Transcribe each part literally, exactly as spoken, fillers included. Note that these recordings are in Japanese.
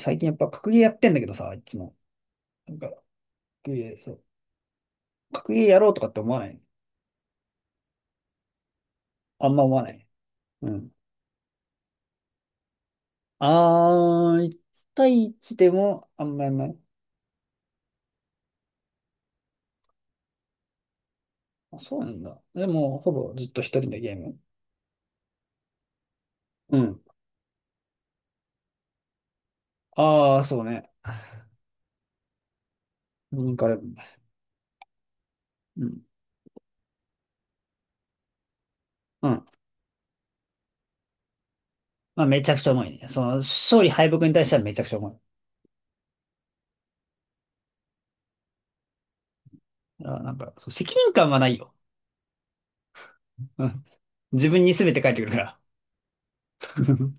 最近やっぱ格ゲーやってんだけどさ、いつも。なんか、格ゲー、そう。格ゲーやろうとかって思わない？あんま思わない。うん。あー、いち対いちでもあんまやんない。あ、そうなんだ。でも、ほぼずっと一人でゲーム。うん。あー、そうね。うん、これ、うん。うん。まあ、めちゃくちゃ重いね。その、勝利敗北に対してはめちゃくちゃ重い。あ、なんか、そう、責任感はないよ。うん。自分に全て返ってくるから。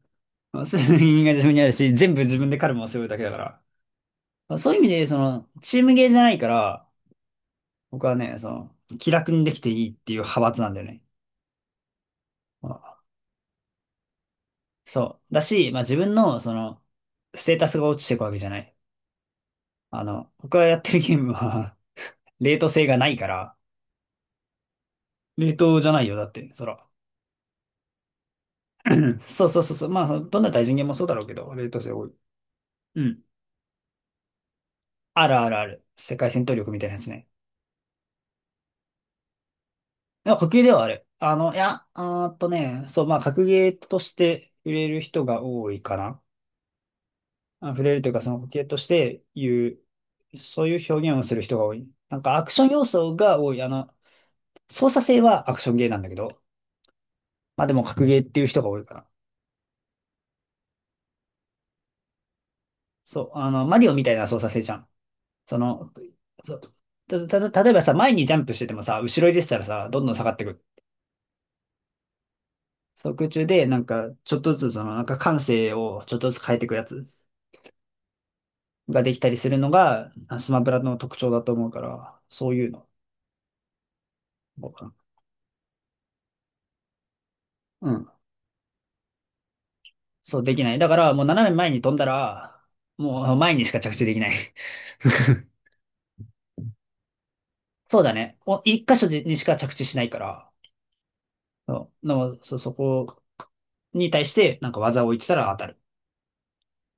まあ責任が自分にあるし、全部自分でカルマを背負うだけだから。そういう意味で、その、チームゲーじゃないから、僕はね、その、気楽にできていいっていう派閥なんだよね。まあそう。だし、まあ自分の、その、ステータスが落ちていくわけじゃない。あの、僕がやってるゲームは 冷凍性がないから、冷凍じゃないよ、だって、そら。そうそうそうそう。まあ、そのどんな対人ゲームもそうだろうけど、冷凍性多い。うん。あるあるある。世界戦闘力みたいなやつね。いや、格ゲーではある。あの、いや、あーっとね、そう、まあ、格ゲーとして売れる人が多いかな。あ触れるというか、その系として言う、そういう表現をする人が多い。なんかアクション要素が多い。あの、操作性はアクションゲーなんだけど、まあでも格ゲーっていう人が多いから。そう、あの、マリオみたいな操作性じゃん。その、そう、た、た、た例えばさ、前にジャンプしててもさ、後ろに出てたらさ、どんどん下がってくる。そう、空中で、なんか、ちょっとずつ、その、なんか感性をちょっとずつ変えていくやつができたりするのが、あスマブラの特徴だと思うから、そういうの。どうかなそう、できない。だから、もう斜め前に飛んだら、もう前にしか着地できない。そうだね。お一箇所でにしか着地しないから、そうでもそ、そこに対して、なんか技を置いてたら当たるっ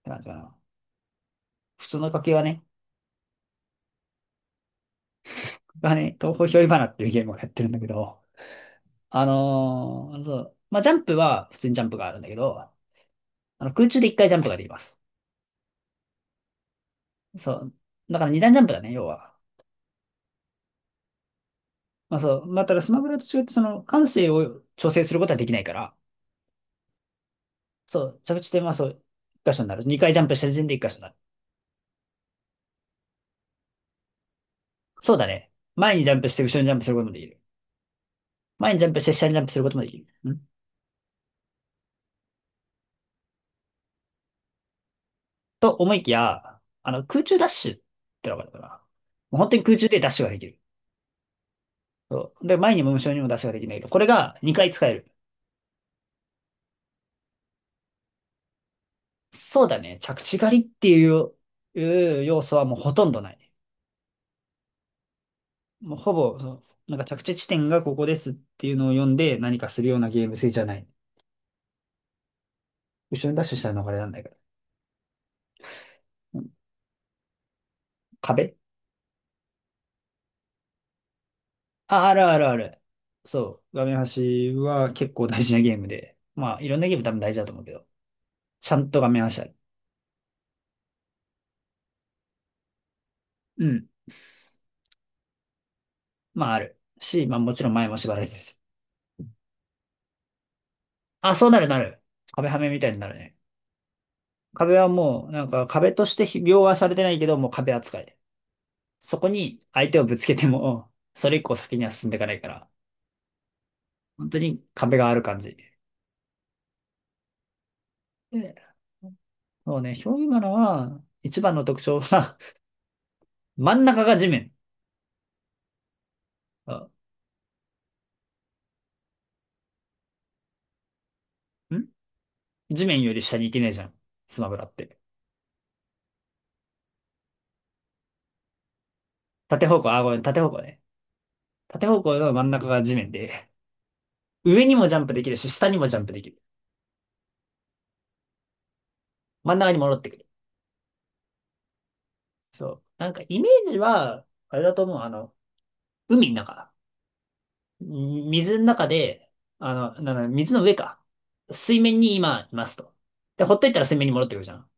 て感じかな。普通の掛けはね、がね、東方ひょいばなっていうゲームをやってるんだけど、あのーそう、まあ、ジャンプは普通にジャンプがあるんだけど、あの空中で一回ジャンプができます。そう。だから二段ジャンプだね、要は。まあそう。まあ、ただスマブラと違って、その、感性を調整することはできないから、そう、着地点はそう、一箇所になる。二回ジャンプした時点で一箇所になる。そうだね。前にジャンプして後ろにジャンプすることもできる。前にジャンプして下にジャンプすることもできる。んと思いきや、あの、空中ダッシュってのがあるかな。もう本当に空中でダッシュができる。そう。で、前にも後ろにもダッシュができないけど、これがにかい使える。そうだね。着地狩りっていう、いう要素はもうほとんどない。もうほぼ、そうなんか着地地点がここですっていうのを読んで何かするようなゲーム性じゃない。後ろにダッシュしたら逃れられないから。うん壁あ、あるあるある。そう。画面端は結構大事なゲームで。まあ、いろんなゲーム多分大事だと思うけど。ちゃんと画面端ある。うん。まあ、ある。し、まあ、もちろん前も縛られてるし。あ、そうなるなる。壁はめみたいになるね。壁はもう、なんか壁として描画されてないけど、もう壁扱い。そこに相手をぶつけても、それ以降先には進んでいかないから。本当に壁がある感じ。でそうね、表現マナは、一番の特徴は、真ん中が地面。あん地面より下に行けないじゃん。スマブラって。縦方向、あ、ごめん、縦方向ね。縦方向の真ん中が地面で、上にもジャンプできるし、下にもジャンプできる。真ん中に戻ってくる。そう。なんかイメージは、あれだと思う。あの、海の中。み水の中で、あの、なんだ、水の上か。水面に今いますと。で、ほっといたら水面に戻ってくるじゃん。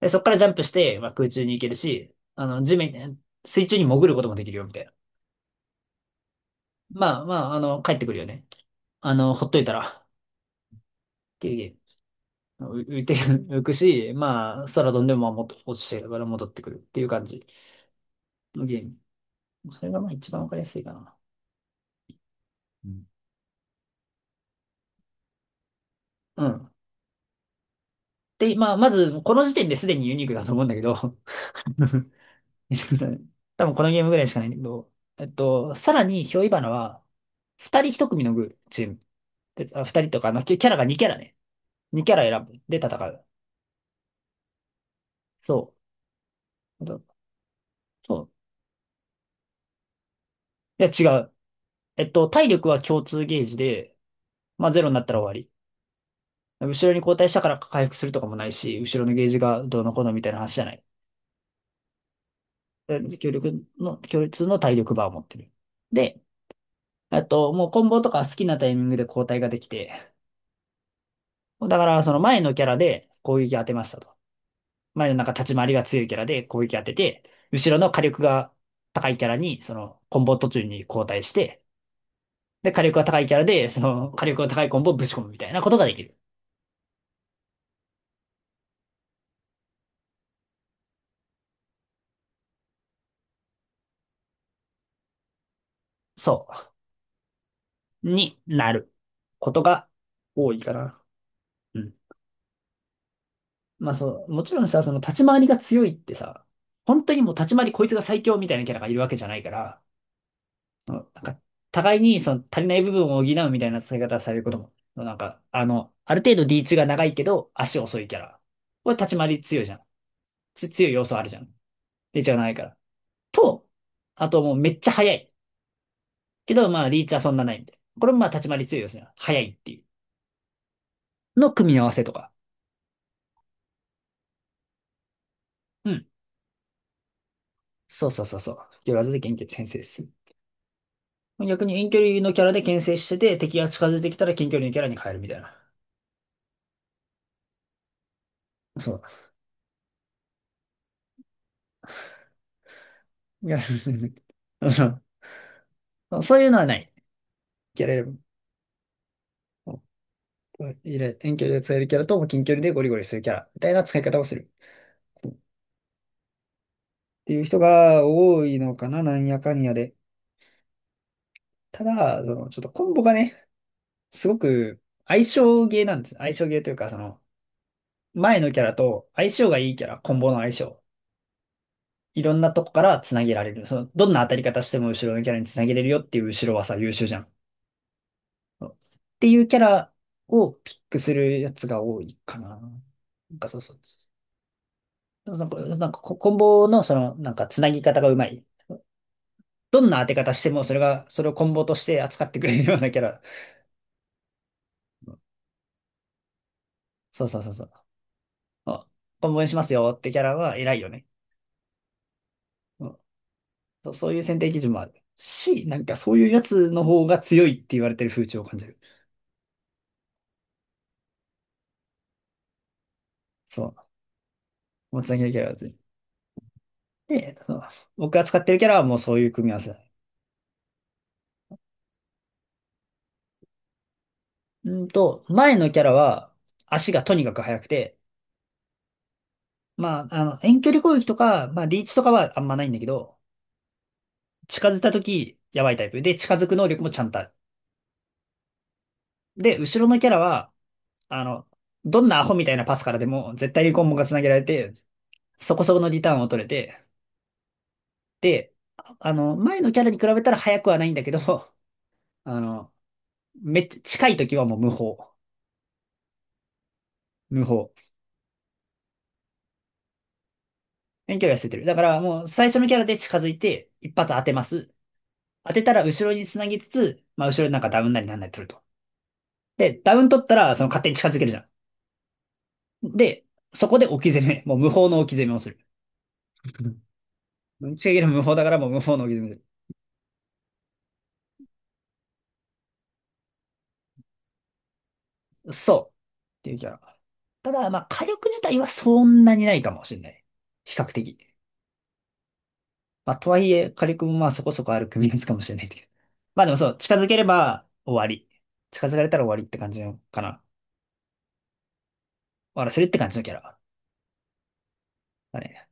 で、そこからジャンプして、まあ、空中に行けるし、あの、地面、水中に潜ることもできるよ、みたいな。まあまあ、あの、帰ってくるよね。あの、ほっといたら、っていうゲーム。う浮いて、浮くし、まあ、空飛んでもまあもっと落ちてるから戻ってくるっていう感じのゲーム。それがまあ一番わかりやすいかな。うん。うん。で、まあ、まず、この時点ですでにユニークだと思うんだけど 多分このゲームぐらいしかないんだけど、えっと、さらに、ヒョイバナは、二人一組のグチーム。であ、二人とか、あの、キャキャラが二キャラね。二キャラ選ぶ。で、戦う。そう。あとそう。いや、違う。えっと、体力は共通ゲージで、まあ、ゼロになったら終わり。後ろに後退したから回復するとかもないし、後ろのゲージがどうのこうのみたいな話じゃない。で強力の、強烈の体力バーを持ってる。で、あと、もうコンボとか好きなタイミングで交代ができて、だからその前のキャラで攻撃当てましたと。前のなんか立ち回りが強いキャラで攻撃当てて、後ろの火力が高いキャラに、そのコンボ途中に交代して、で、火力が高いキャラで、その火力が高いコンボをぶち込むみたいなことができる。そう。になることが多いかな。うんまあそう、もちろんさ、その立ち回りが強いってさ、本当にもう立ち回りこいつが最強みたいなキャラがいるわけじゃないから、うんなんか、互いにその足りない部分を補うみたいな使い方されることも、なんか、あの、ある程度リーチが長いけど、足遅いキャラ。これ立ち回り強いじゃん。つ、強い要素あるじゃん。リーチがないから。と、あともうめっちゃ速い。けど、まあリーチはそんなないみたいな。これもまあ立ち回り強い要素じゃん。速いっていう。の組み合わせとか。うん。そうそうそうそう。よらずで研究先生です。逆に遠距離のキャラで牽制してて、敵が近づいてきたら近距離のキャラに変えるみたいな。そう。いや、そうそういうのはない。キャラ選ぶ。いれ遠距離で使えるキャラと、近距離でゴリゴリするキャラみたいな使い方をする。っていう人が多いのかな、なんやかんやで。ただ、その、ちょっとコンボがね、すごく相性ゲーなんです。相性ゲーというか、その、前のキャラと相性がいいキャラ、コンボの相性。いろんなとこから繋げられる。その、どんな当たり方しても後ろのキャラに繋げれるよっていう後ろはさ、優秀じゃん。っていうキャラをピックするやつが多いかな。なんかそうそう。でもなんか、なんかココンボのその、なんかつなぎ方がうまい。どんな当て方してもそれが、それをコンボとして扱ってくれるようなキャラ。そうそうそうそう。あコンボにしますよってキャラは偉いよね。うんそうそういう選定基準もあるし、なんかそういうやつの方が強いって言われてる風潮を感じる。そう。もうつなぎのキャラは強い。で、そう僕が使ってるキャラはもうそういう組み合わせ。うんと、前のキャラは足がとにかく速くて、まあ、あの、遠距離攻撃とか、まあ、リーチとかはあんまないんだけど、近づいた時、やばいタイプ。で、近づく能力もちゃんとある。で、後ろのキャラは、あの、どんなアホみたいなパスからでも、絶対にコンボが繋げられて、そこそこのリターンを取れて、で、ああの、前のキャラに比べたら速くはないんだけど、あの、めっちゃ近い時はもう無法。無法。遠距離は捨ててる。だからもう最初のキャラで近づいて、一発当てます。当てたら後ろに繋ぎつつ、まあ後ろになんかダウンなりなんなり取ると。で、ダウン取ったらその勝手に近づけるじゃん。で、そこで置き攻め。もう無法の置き攻めをする。近づける無法だからもう無法の置き攻めをする。そう。っていうキャラ。ただ、まあ火力自体はそんなにないかもしれない。比較的。まあとはいえ火力もまあそこそこある組み合わせかもしれないけど。まあでもそう、近づければ終わり。近づかれたら終わりって感じのかな。終わらせるって感じのキャラだね。